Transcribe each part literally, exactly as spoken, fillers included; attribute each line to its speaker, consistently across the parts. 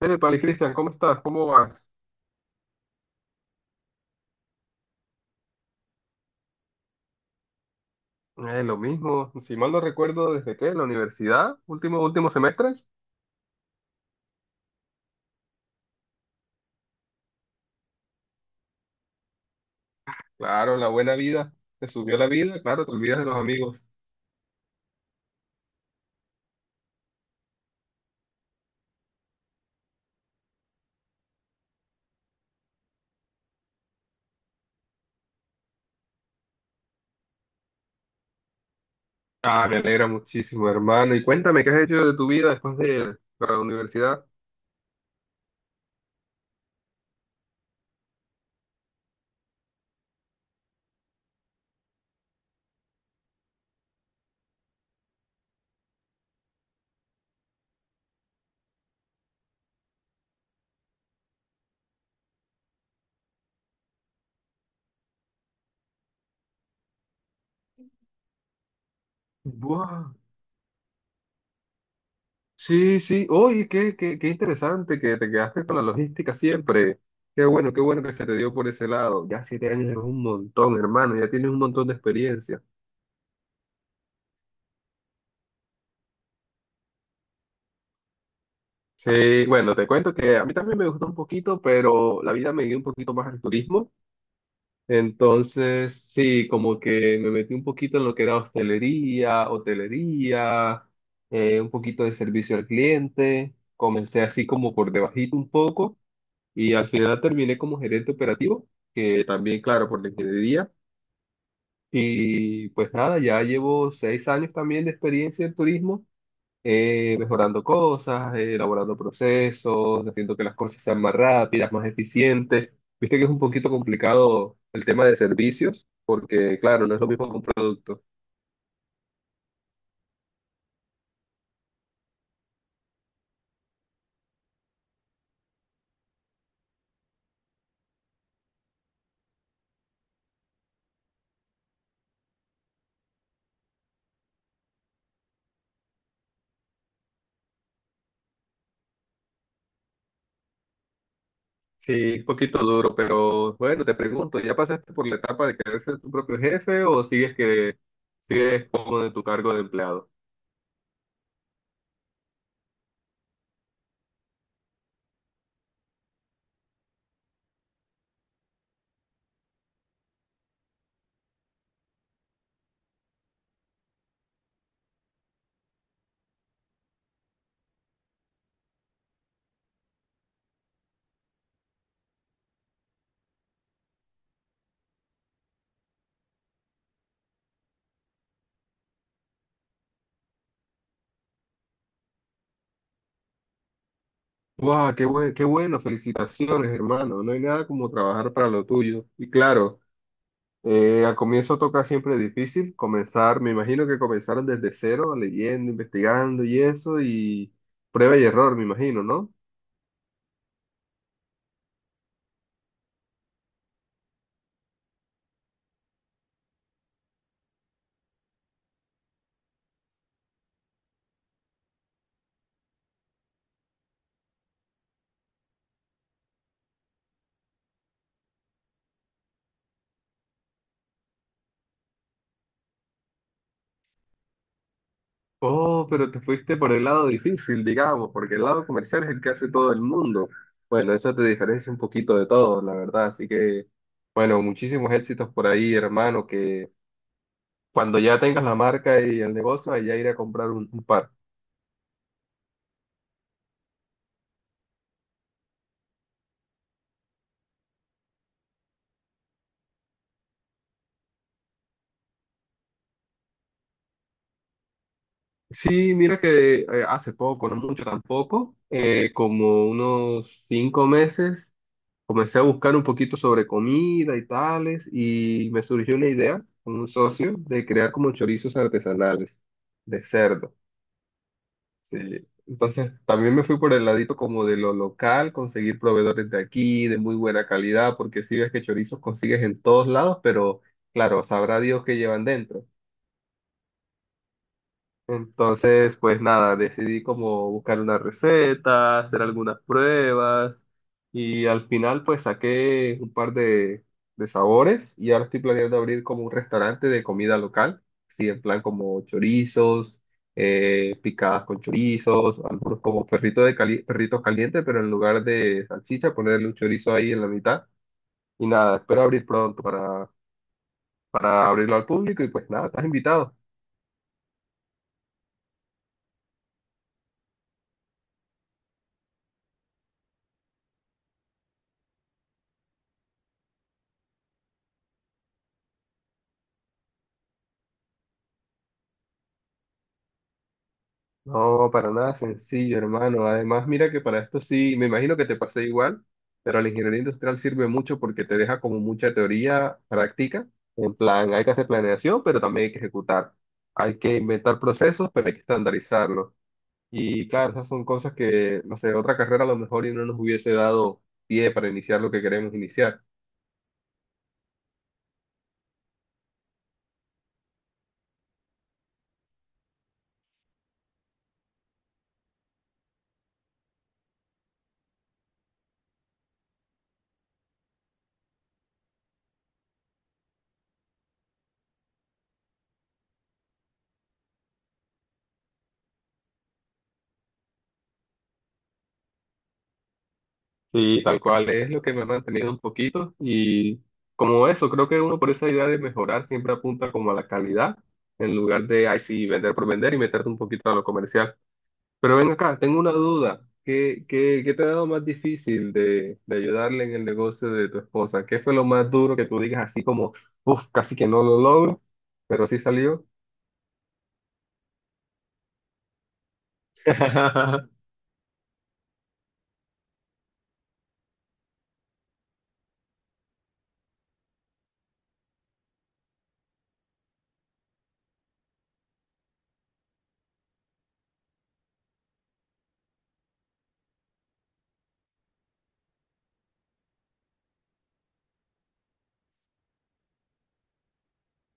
Speaker 1: Hey, Pali Cristian, ¿cómo estás? ¿Cómo vas? Eh, lo mismo, si mal no recuerdo, ¿desde qué? ¿La universidad? ¿Último, últimos semestres? Claro, la buena vida. Te subió la vida, claro, te olvidas de los amigos. Ah, me alegra muchísimo, hermano. Y cuéntame, ¿qué has hecho de tu vida después de la universidad? Buah, sí, sí. Oye, qué, qué, qué interesante que te quedaste con la logística siempre. Qué bueno, qué bueno que se te dio por ese lado. Ya siete años es un montón, hermano. Ya tienes un montón de experiencia. Sí, bueno, te cuento que a mí también me gustó un poquito, pero la vida me dio un poquito más al turismo. Entonces, sí, como que me metí un poquito en lo que era hostelería, hotelería, eh, un poquito de servicio al cliente. Comencé así como por debajito un poco y al final terminé como gerente operativo, que también, claro, por la ingeniería. Y pues nada, ya llevo seis años también de experiencia en turismo, eh, mejorando cosas, eh, elaborando procesos, haciendo que las cosas sean más rápidas, más eficientes. Viste que es un poquito complicado el tema de servicios, porque claro, no es lo mismo que un producto. Sí, es un poquito duro, pero bueno, te pregunto, ¿ya pasaste por la etapa de querer ser tu propio jefe o sigues que sigues como de tu cargo de empleado? ¡Wow! ¡Qué buen- qué bueno! Felicitaciones, hermano. No hay nada como trabajar para lo tuyo. Y claro, Eh, al comienzo toca siempre difícil comenzar, me imagino que comenzaron desde cero, leyendo, investigando y eso, y prueba y error, me imagino, ¿no? Oh, pero te fuiste por el lado difícil, digamos, porque el lado comercial es el que hace todo el mundo. Bueno, eso te diferencia un poquito de todo, la verdad. Así que, bueno, muchísimos éxitos por ahí, hermano, que cuando ya tengas la marca y el negocio, allá ir a comprar un, un par. Sí, mira que eh, hace poco, no mucho tampoco, eh, como unos cinco meses, comencé a buscar un poquito sobre comida y tales, y me surgió una idea con un socio de crear como chorizos artesanales de cerdo. Sí. Entonces, también me fui por el ladito como de lo local, conseguir proveedores de aquí, de muy buena calidad, porque si ves que chorizos consigues en todos lados, pero claro, sabrá Dios qué llevan dentro. Entonces, pues nada, decidí como buscar una receta, hacer algunas pruebas y al final pues saqué un par de, de sabores y ahora estoy planeando abrir como un restaurante de comida local, sí, en plan como chorizos, eh, picadas con chorizos, algunos como perritos de cali- perritos calientes, pero en lugar de salchicha ponerle un chorizo ahí en la mitad y nada, espero abrir pronto para, para abrirlo al público y pues nada, estás invitado. No, para nada sencillo, hermano. Además, mira que para esto sí, me imagino que te pasé igual, pero la ingeniería industrial sirve mucho porque te deja como mucha teoría práctica. En plan, hay que hacer planeación, pero también hay que ejecutar. Hay que inventar procesos, pero hay que estandarizarlos. Y claro, esas son cosas que, no sé, otra carrera a lo mejor y no nos hubiese dado pie para iniciar lo que queremos iniciar. Sí, tal cual es lo que me ha mantenido un poquito y como eso, creo que uno por esa idea de mejorar siempre apunta como a la calidad en lugar de, ay sí, vender por vender y meterte un poquito a lo comercial. Pero ven acá, tengo una duda. ¿Qué, qué, qué te ha dado más difícil de, de ayudarle en el negocio de tu esposa? ¿Qué fue lo más duro que tú digas así como, uff, casi que no lo logro, pero sí salió?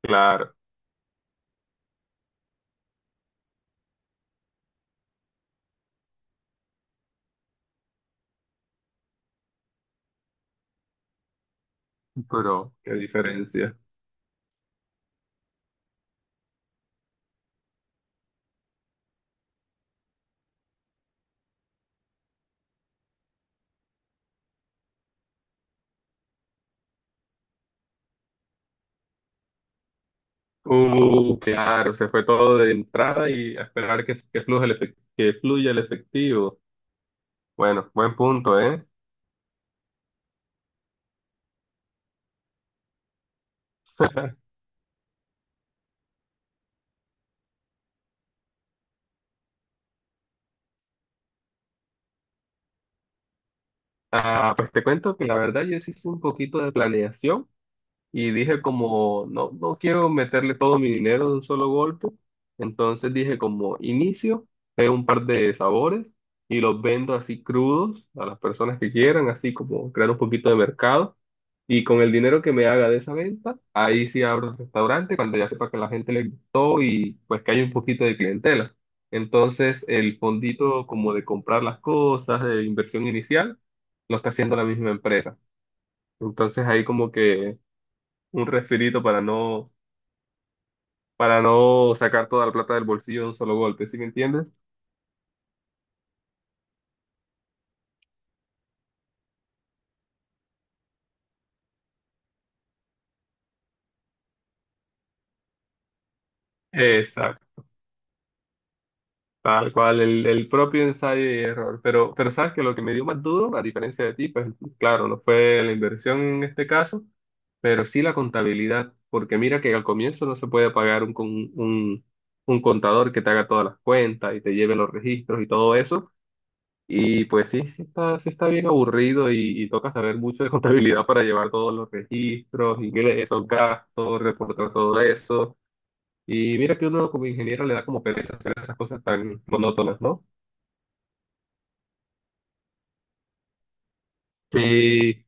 Speaker 1: Claro, pero qué diferencia. Uh, claro, se fue todo de entrada y a esperar que, que fluya el efec- que fluya el efectivo. Bueno, buen punto, ¿eh? Ah, pues te cuento que la verdad yo sí hice un poquito de planeación. Y dije como, no, no quiero meterle todo mi dinero de un solo golpe. Entonces dije como, inicio, pego un par de sabores y los vendo así crudos a las personas que quieran, así como crear un poquito de mercado. Y con el dinero que me haga de esa venta, ahí sí abro el restaurante cuando ya sepa que a la gente le gustó y pues que hay un poquito de clientela. Entonces el fondito como de comprar las cosas, de inversión inicial, lo está haciendo la misma empresa. Entonces ahí como que un respirito para no, para no sacar toda la plata del bolsillo de un solo golpe, ¿sí me entiendes? Exacto, tal cual, el, el propio ensayo y error. Pero, pero sabes que lo que me dio más duro, a diferencia de ti, pues claro, no fue la inversión en este caso, pero sí la contabilidad, porque mira que al comienzo no se puede pagar un, con- un, un contador que te haga todas las cuentas y te lleve los registros y todo eso. Y pues sí, sí está, sí está bien aburrido y, y toca saber mucho de contabilidad para llevar todos los registros, ingresos, gastos, reportar todo eso. Y mira que uno como ingeniero le da como pereza hacer esas cosas tan monótonas, ¿no? Sí,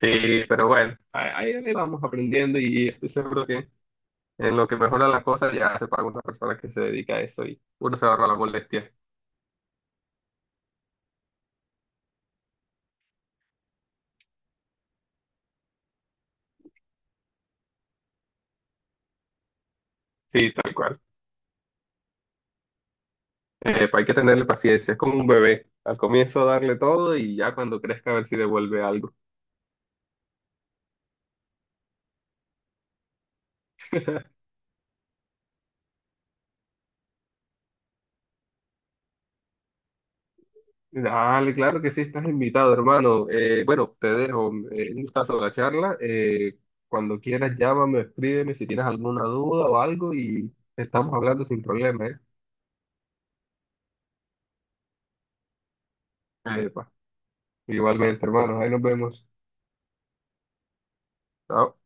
Speaker 1: sí, pero bueno, ahí, ahí vamos aprendiendo y estoy seguro que en lo que mejora la cosa ya se paga una persona que se dedica a eso y uno se ahorra la molestia. Sí, tal cual. Eh, pues hay que tenerle paciencia, es como un bebé. Al comienzo darle todo y ya cuando crezca a ver si devuelve algo. Dale, claro que sí, estás invitado, hermano. Eh, bueno, te dejo eh, un gustazo de la charla. Eh, cuando quieras, llámame, escríbeme si tienes alguna duda o algo y estamos hablando sin problema, ¿eh? Epa, igualmente, hermano, ahí nos vemos. Chao.